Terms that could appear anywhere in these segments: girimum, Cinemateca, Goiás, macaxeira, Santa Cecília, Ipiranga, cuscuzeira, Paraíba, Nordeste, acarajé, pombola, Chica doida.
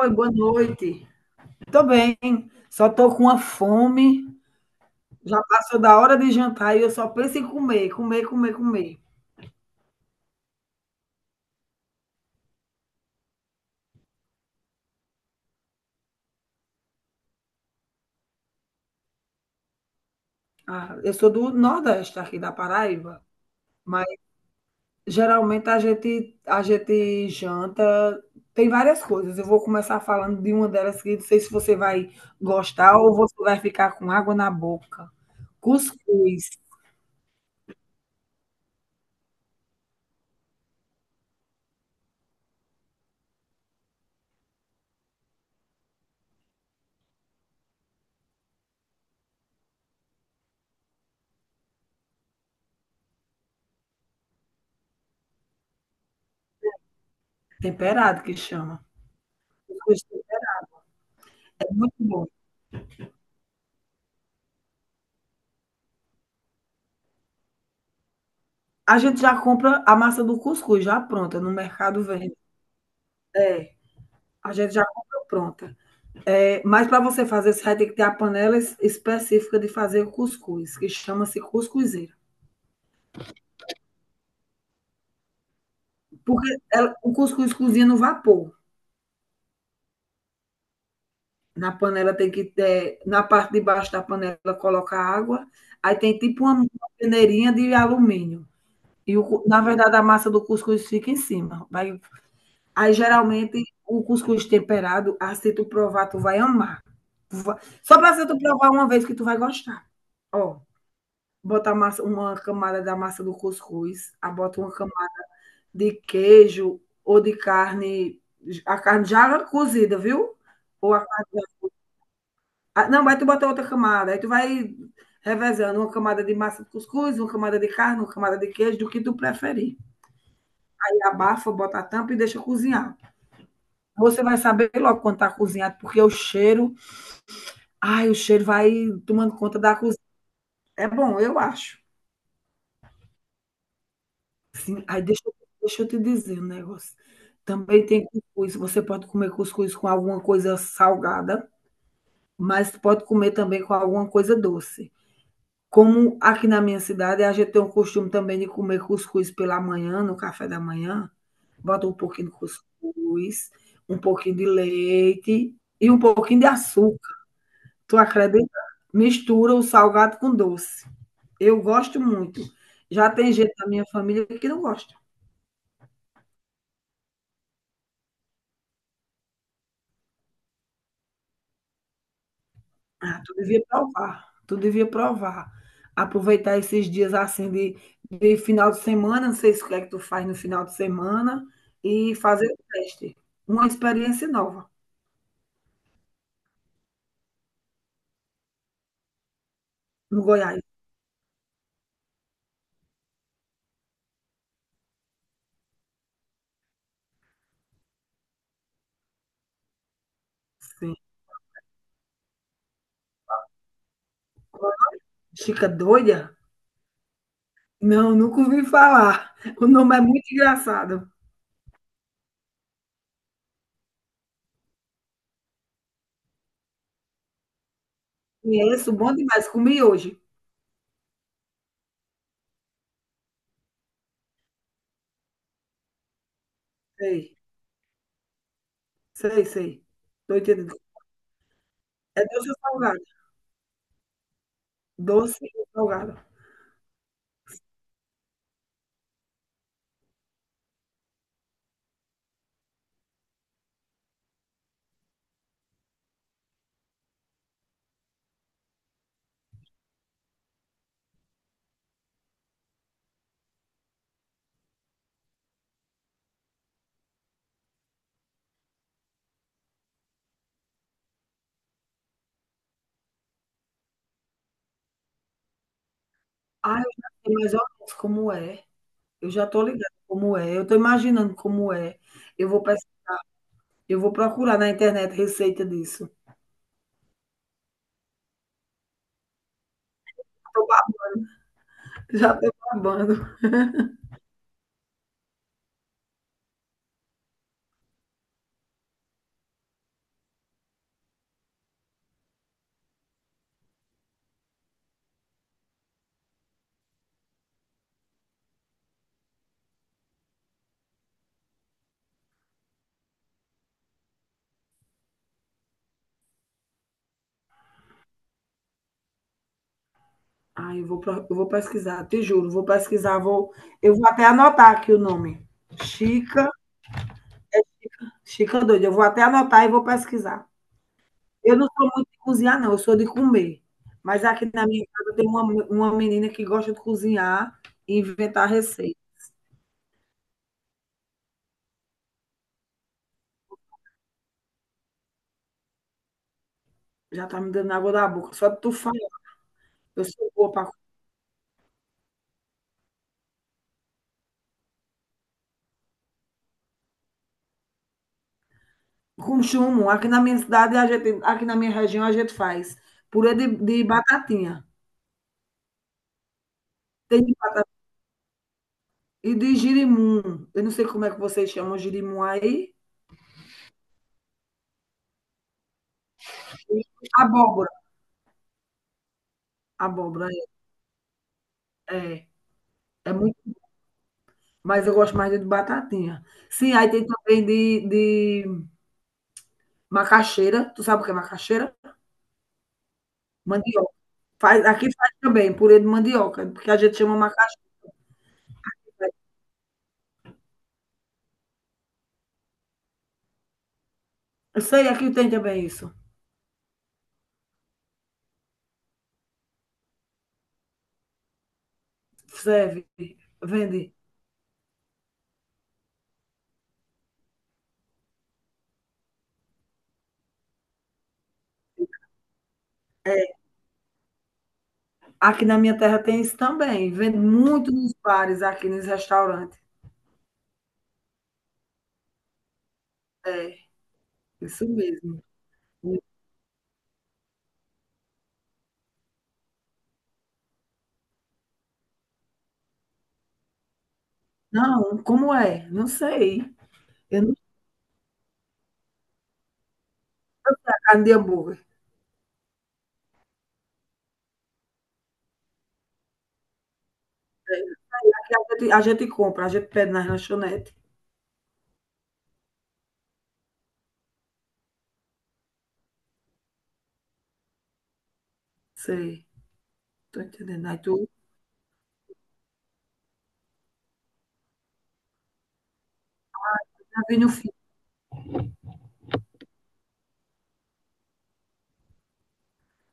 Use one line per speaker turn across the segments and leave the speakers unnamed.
Oi, boa noite. Tô bem, só tô com uma fome. Já passou da hora de jantar e eu só penso em comer, comer, comer, comer. Ah, eu sou do Nordeste, aqui da Paraíba, mas geralmente a gente janta, tem várias coisas. Eu vou começar falando de uma delas que não sei se você vai gostar ou você vai ficar com água na boca. Cuscuz, temperado que chama. Cuscuz é muito bom. A gente já compra a massa do cuscuz já pronta no mercado. É, a gente já comprou pronta. É, mas para você fazer, você vai ter que ter a panela específica de fazer o cuscuz, que chama-se cuscuzeira. Porque o cuscuz cozinha no vapor. Na panela tem que ter, na parte de baixo da panela coloca água, aí tem tipo uma peneirinha de alumínio. E na verdade a massa do cuscuz fica em cima. Aí geralmente o cuscuz temperado, ah, se tu provar, tu vai amar. Só para tu provar uma vez que tu vai gostar. Ó. Bota a massa, uma camada da massa do cuscuz, aí bota uma camada de queijo ou de carne, a carne já cozida, viu? Ou a, ah, não, vai tu bota outra camada, aí tu vai revezando uma camada de massa de cuscuz, uma camada de carne, uma camada de queijo, do que tu preferir. Aí abafa, bota a tampa e deixa cozinhar. Você vai saber logo quando tá cozinhado, porque o cheiro, ai, o cheiro vai tomando conta da cozinha. É bom, eu acho. Sim, aí deixa eu te dizer um negócio. Também tem cuscuz. Você pode comer cuscuz com alguma coisa salgada, mas pode comer também com alguma coisa doce. Como aqui na minha cidade, a gente tem o costume também de comer cuscuz pela manhã, no café da manhã. Bota um pouquinho de cuscuz, um pouquinho de leite e um pouquinho de açúcar. Tu acredita? Mistura o salgado com doce. Eu gosto muito. Já tem gente da minha família que não gosta. Ah, tu devia provar, tu devia provar. Aproveitar esses dias assim de final de semana, não sei se o que é que tu faz no final de semana, e fazer o teste. Uma experiência nova no Goiás. Sim. Chica doida? Não, nunca ouvi falar. O nome é muito engraçado. Conheço, bom demais. Comi hoje. Sei, sei, sei. Tô entendendo. É doce ou salgado? Doce ou salgado? Ah, eu já sei mais ou menos como é. Eu já estou ligada como é, eu estou imaginando como é. Eu vou, pes- eu vou procurar na internet receita disso. Tô ba- Já estou babando. Ai, eu vou pesquisar, te juro, vou pesquisar, vou, eu vou até anotar aqui o nome. Chica, Chica doida, eu vou até anotar e vou pesquisar. Eu não sou muito de cozinhar, não, eu sou de comer. Mas aqui na minha casa tem uma menina que gosta de cozinhar e inventar receita. Já tá me dando água da boca. Só de tu falar, eu sou boa para com chumbo. Aqui na minha cidade, aqui na minha região, a gente faz purê de batatinha. Tem de batata e de girimum. Eu não sei como é que vocês chamam girimum aí. Abóbora. Abóbora, é. É, é muito, mas eu gosto mais de batatinha. Sim, aí tem também de macaxeira. Tu sabe o que é macaxeira? Mandioca. Faz, aqui faz também purê de mandioca, porque a gente chama macaxeira. Eu sei, aqui tem também isso. Serve, vende. Aqui na minha terra tem isso também. Vende muito nos bares, aqui nos restaurantes. É, isso mesmo. Não, como é? Não sei. Eu não sei carne de hambúrguer. É, aqui a gente compra, a gente pede nas lanchonetes. Sei, tô entendendo. Aí tu já vi no fim.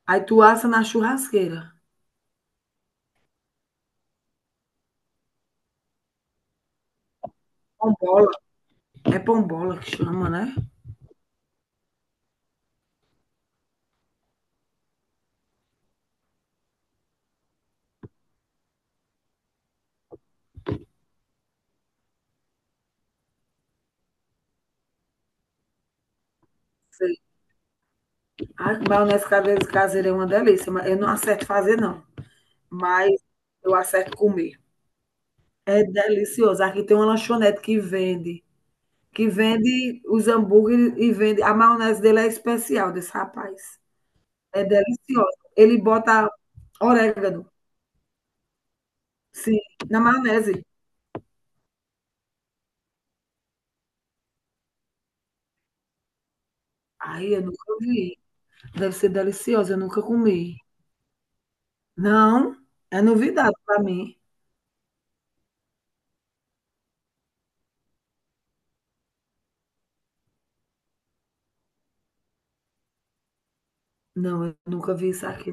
Aí tu assa na churrasqueira. Pombola. É pombola que chama, né? Sei. A maionese caseira é uma delícia, mas eu não acerto fazer, não. Mas eu acerto comer. É delicioso. Aqui tem uma lanchonete que vende os hambúrgueres e vende. A maionese dele é especial, desse rapaz. É deliciosa. Ele bota orégano, sim, na maionese. Ai, eu nunca vi. Deve ser deliciosa, eu nunca comi. Não, é novidade para mim. Não, eu nunca vi isso aqui.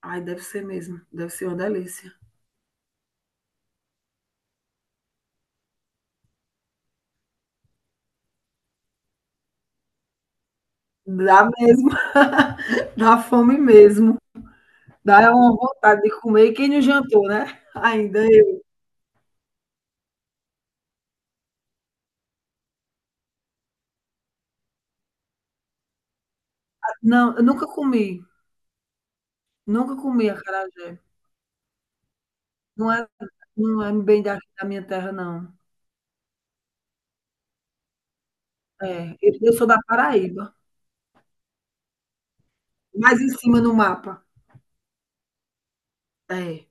Ai, deve ser mesmo. Deve ser uma delícia. Dá mesmo. Dá fome mesmo. Dá uma vontade de comer. E quem não jantou, né? Ainda não, eu nunca comi. Nunca comi acarajé. Não é, não é bem da minha terra, não. É, eu sou da Paraíba. Mais em cima no mapa. É.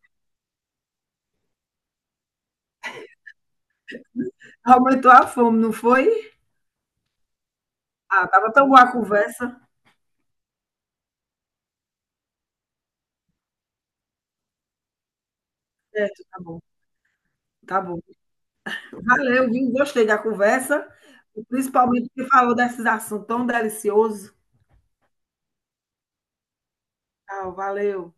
Aumentou a fome, não foi? Ah, tava tão boa a conversa. Certo, tá bom. Tá bom. Valeu, viu? Gostei da conversa. Principalmente que falou desses assuntos tão deliciosos. Tchau, valeu.